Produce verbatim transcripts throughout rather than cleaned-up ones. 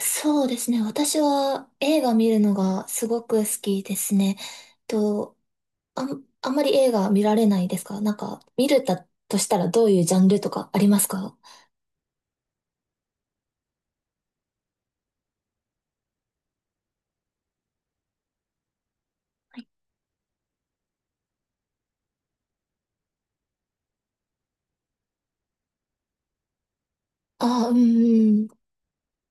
そうですね。私は映画見るのがすごく好きですね。と、あん、あんまり映画見られないですか？なんか、見れたとしたらどういうジャンルとかありますか？ああ、うん、うん、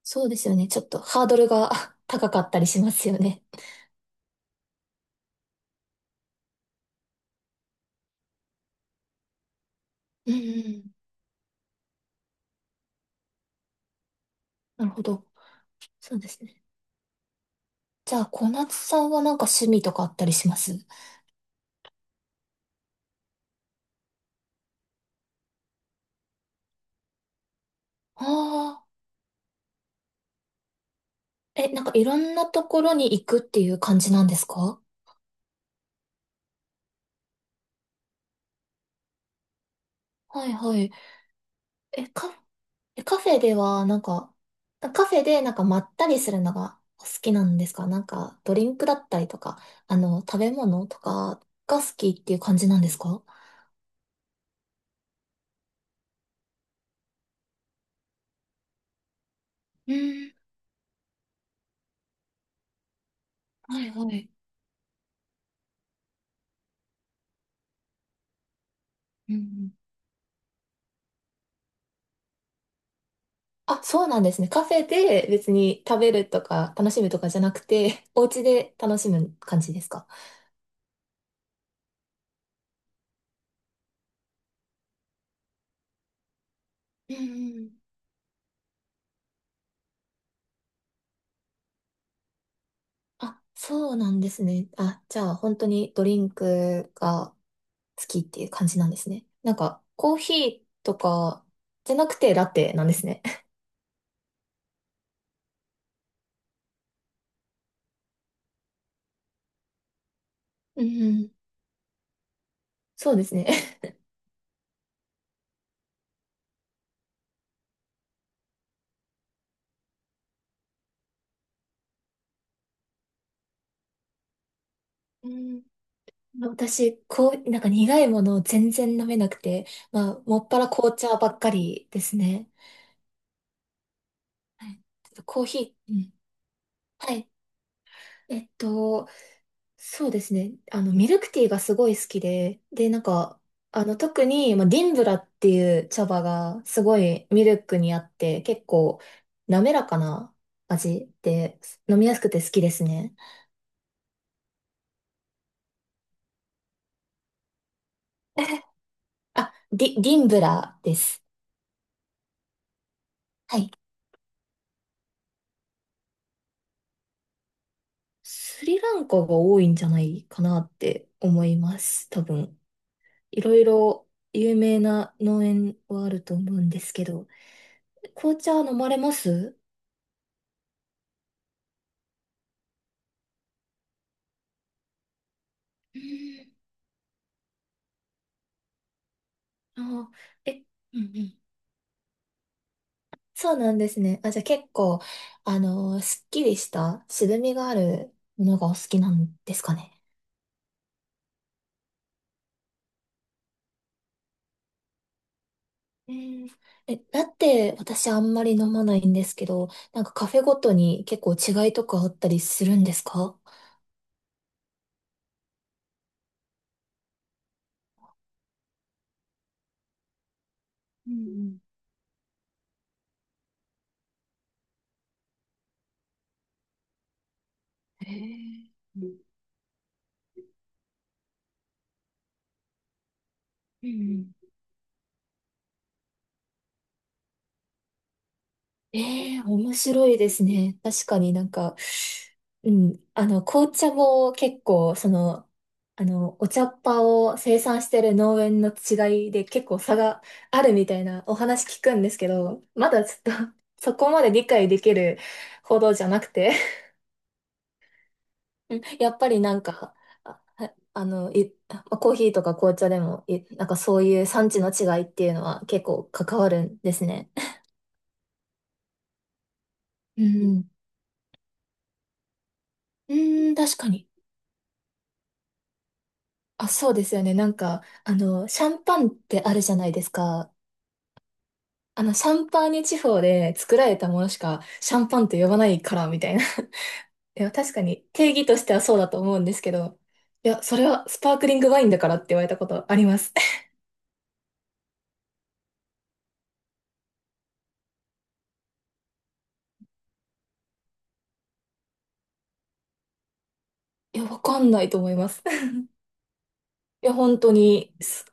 そうですよね。ちょっとハードルが 高かったりしますよね。うんうん、なるほど。そうですね。じゃあ、小夏さんはなんか趣味とかあったりします？ああー、え、なんかいろんなところに行くっていう感じなんですか？はいはい。え、カ、えカフェでは、なんか、カフェでなんかまったりするのがお好きなんですか？なんか、ドリンクだったりとか、あの、食べ物とかが好きっていう感じなんですか？うーん、はいはい。うんうん。あ、そうなんですね。カフェで別に食べるとか楽しむとかじゃなくて、お家で楽しむ感じですか？うんうん。あ、そうなんですね。あ、じゃあ本当にドリンクが好きっていう感じなんですね。なんか、コーヒーとかじゃなくてラテなんですね。うん、そうですね。うん。私、こう、なんか苦いものを全然飲めなくて、まあ、もっぱら紅茶ばっかりですね。はい。ちょっとコーヒー、うん。はい。えっと、そうですね。あの、ミルクティーがすごい好きで、で、なんか、あの、特に、まあ、ディンブラっていう茶葉がすごいミルクにあって、結構滑らかな味で、飲みやすくて好きですね。あ、ディ、ディンブラです。はい。スリランカが多いんじゃないかなって思います。多分。いろいろ有名な農園はあると思うんですけど。紅茶飲まれます？うん、あー、え、うんうん。そうなんですね。あ、じゃあ結構、あのーすっきりした、渋みがあるものがお好きなんですかね。うん、え、だって私あんまり飲まないんですけど、なんかカフェごとに結構違いとかあったりするんですか？うんうん。へえ。うんうん。ええ、面白いですね。確かになんか、うん、あの、紅茶も結構、その、あの、お茶っ葉を生産してる農園の違いで結構差があるみたいなお話聞くんですけど、まだちょっと そこまで理解できるほどじゃなくて。うん、やっぱりなんか、あ、はあの、い、まあコーヒーとか紅茶でも、い、なんかそういう産地の違いっていうのは結構関わるんですね。うん、うん、確かに。あ、そうですよね。なんか、あの、シャンパンってあるじゃないですか。あの、シャンパーニュ地方で作られたものしかシャンパンって呼ばないから、みたいな。いや、確かに定義としてはそうだと思うんですけど、いや、それはスパークリングワインだからって言われたことあります。いや、わかんないと思います。いや、本当に、す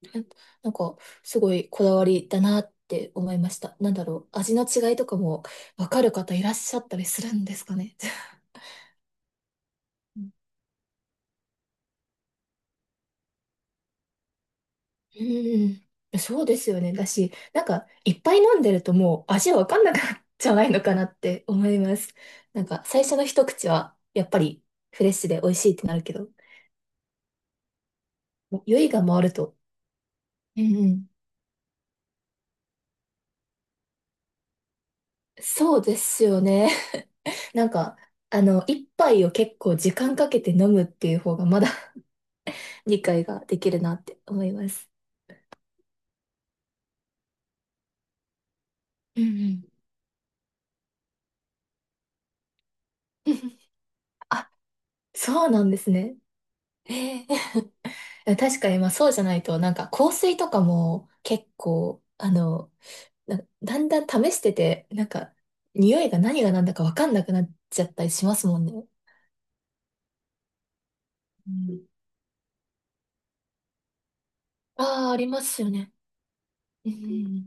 なんか、すごいこだわりだなって思いました。なんだろう、味の違いとかもわかる方いらっしゃったりするんですかね。うん。そうですよね。だし、なんか、いっぱい飲んでるともう味わかんなくなっちゃわないのかなって思います。なんか、最初の一口は、やっぱりフレッシュで美味しいってなるけど、もう酔いが回ると。うんうん。そうですよね。なんか、あの、一杯を結構時間かけて飲むっていう方がまだ 理解ができるなって思います。うんうん。あ、そうなんですね。えー、確かに、まあそうじゃないと、なんか香水とかも結構、あの、なだんだん試してて、なんか、匂いが何が何だかわかんなくなっちゃったりしますもんね。うん、ああ、ありますよね。うん。い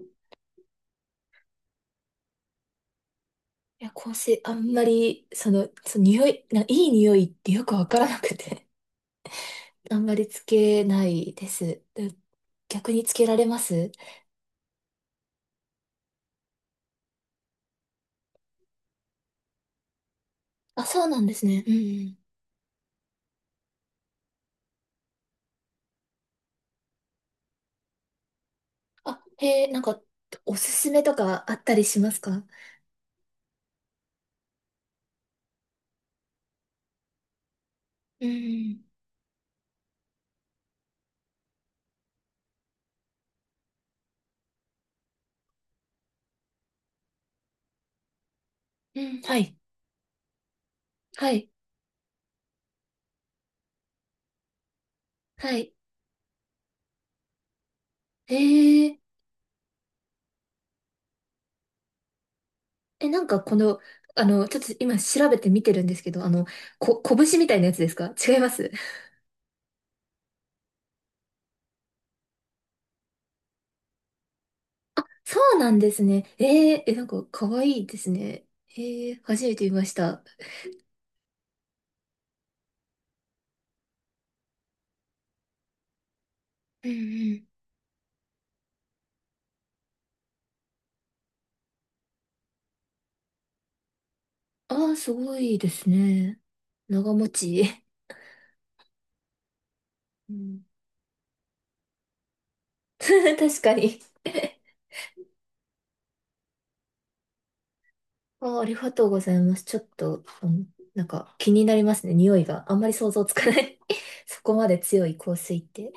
や、香水、あんまり、その、その匂い、ないい匂いってよくわからなくて、あんまりつけないです。で、逆につけられます？あ、そうなんですね。うん。あ、へえ、なんか、おすすめとかあったりしますか？うん。うん、はい。はい。はい。えー、え、なんかこの、あの、ちょっと今調べてみてるんですけど、あの、こ、拳みたいなやつですか？違います？ そうなんですね。えー、え、なんか可愛いですね。えー、初めて見ました。うんうん。ああ、すごいですね。長持ち。うん、確かに。 ああ、ありがとうございます。ちょっと、うん、なんか気になりますね。匂いが。あんまり想像つかない。 そこまで強い香水って。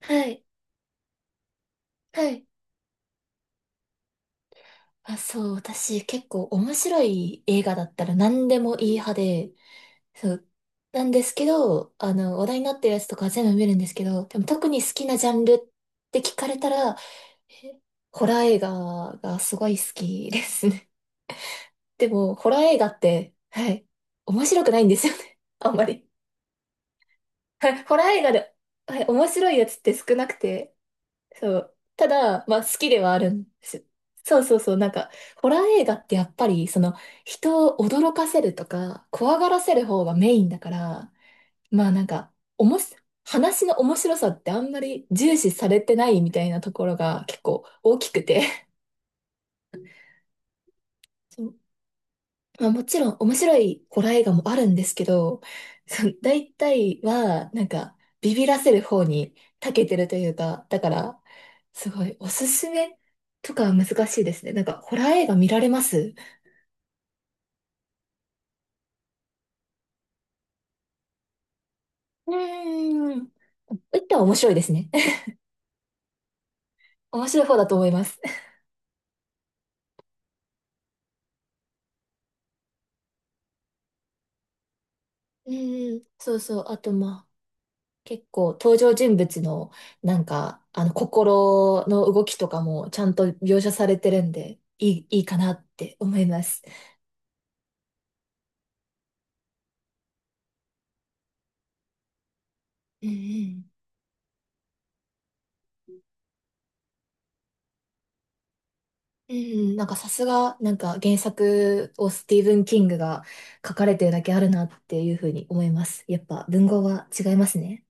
はい。はい。あ、そう、私結構面白い映画だったら何でもいい派で、そう、なんですけど、あの、話題になってるやつとか全部見るんですけど、でも特に好きなジャンルって聞かれたら、えホラー映画がすごい好きですね。でも、ホラー映画って、はい、面白くないんですよね。あんまり。はい、ホラー映画で、はい、面白いやつって少なくて、そう。ただ、まあ好きではあるんですよ。そうそうそう。なんか、ホラー映画ってやっぱり、その、人を驚かせるとか、怖がらせる方がメインだから、まあなんか、おもし、話の面白さってあんまり重視されてないみたいなところが結構大きくて。まあ、もちろん面白いホラー映画もあるんですけど、その大体はなんかビビらせる方に長けてるというか、だからすごいおすすめとかは難しいですね。なんかホラー映画見られます？うーん。一旦面白いですね。面白い方だと思います。うーん、そうそう。あとまあ、結構登場人物のなんか、あの、心の動きとかもちゃんと描写されてるんで、いい、いいかなって思います。うんうん。うん、なんかさすが、なんか原作をスティーブン・キングが書かれてるだけあるなっていうふうに思います。やっぱ文豪は違いますね。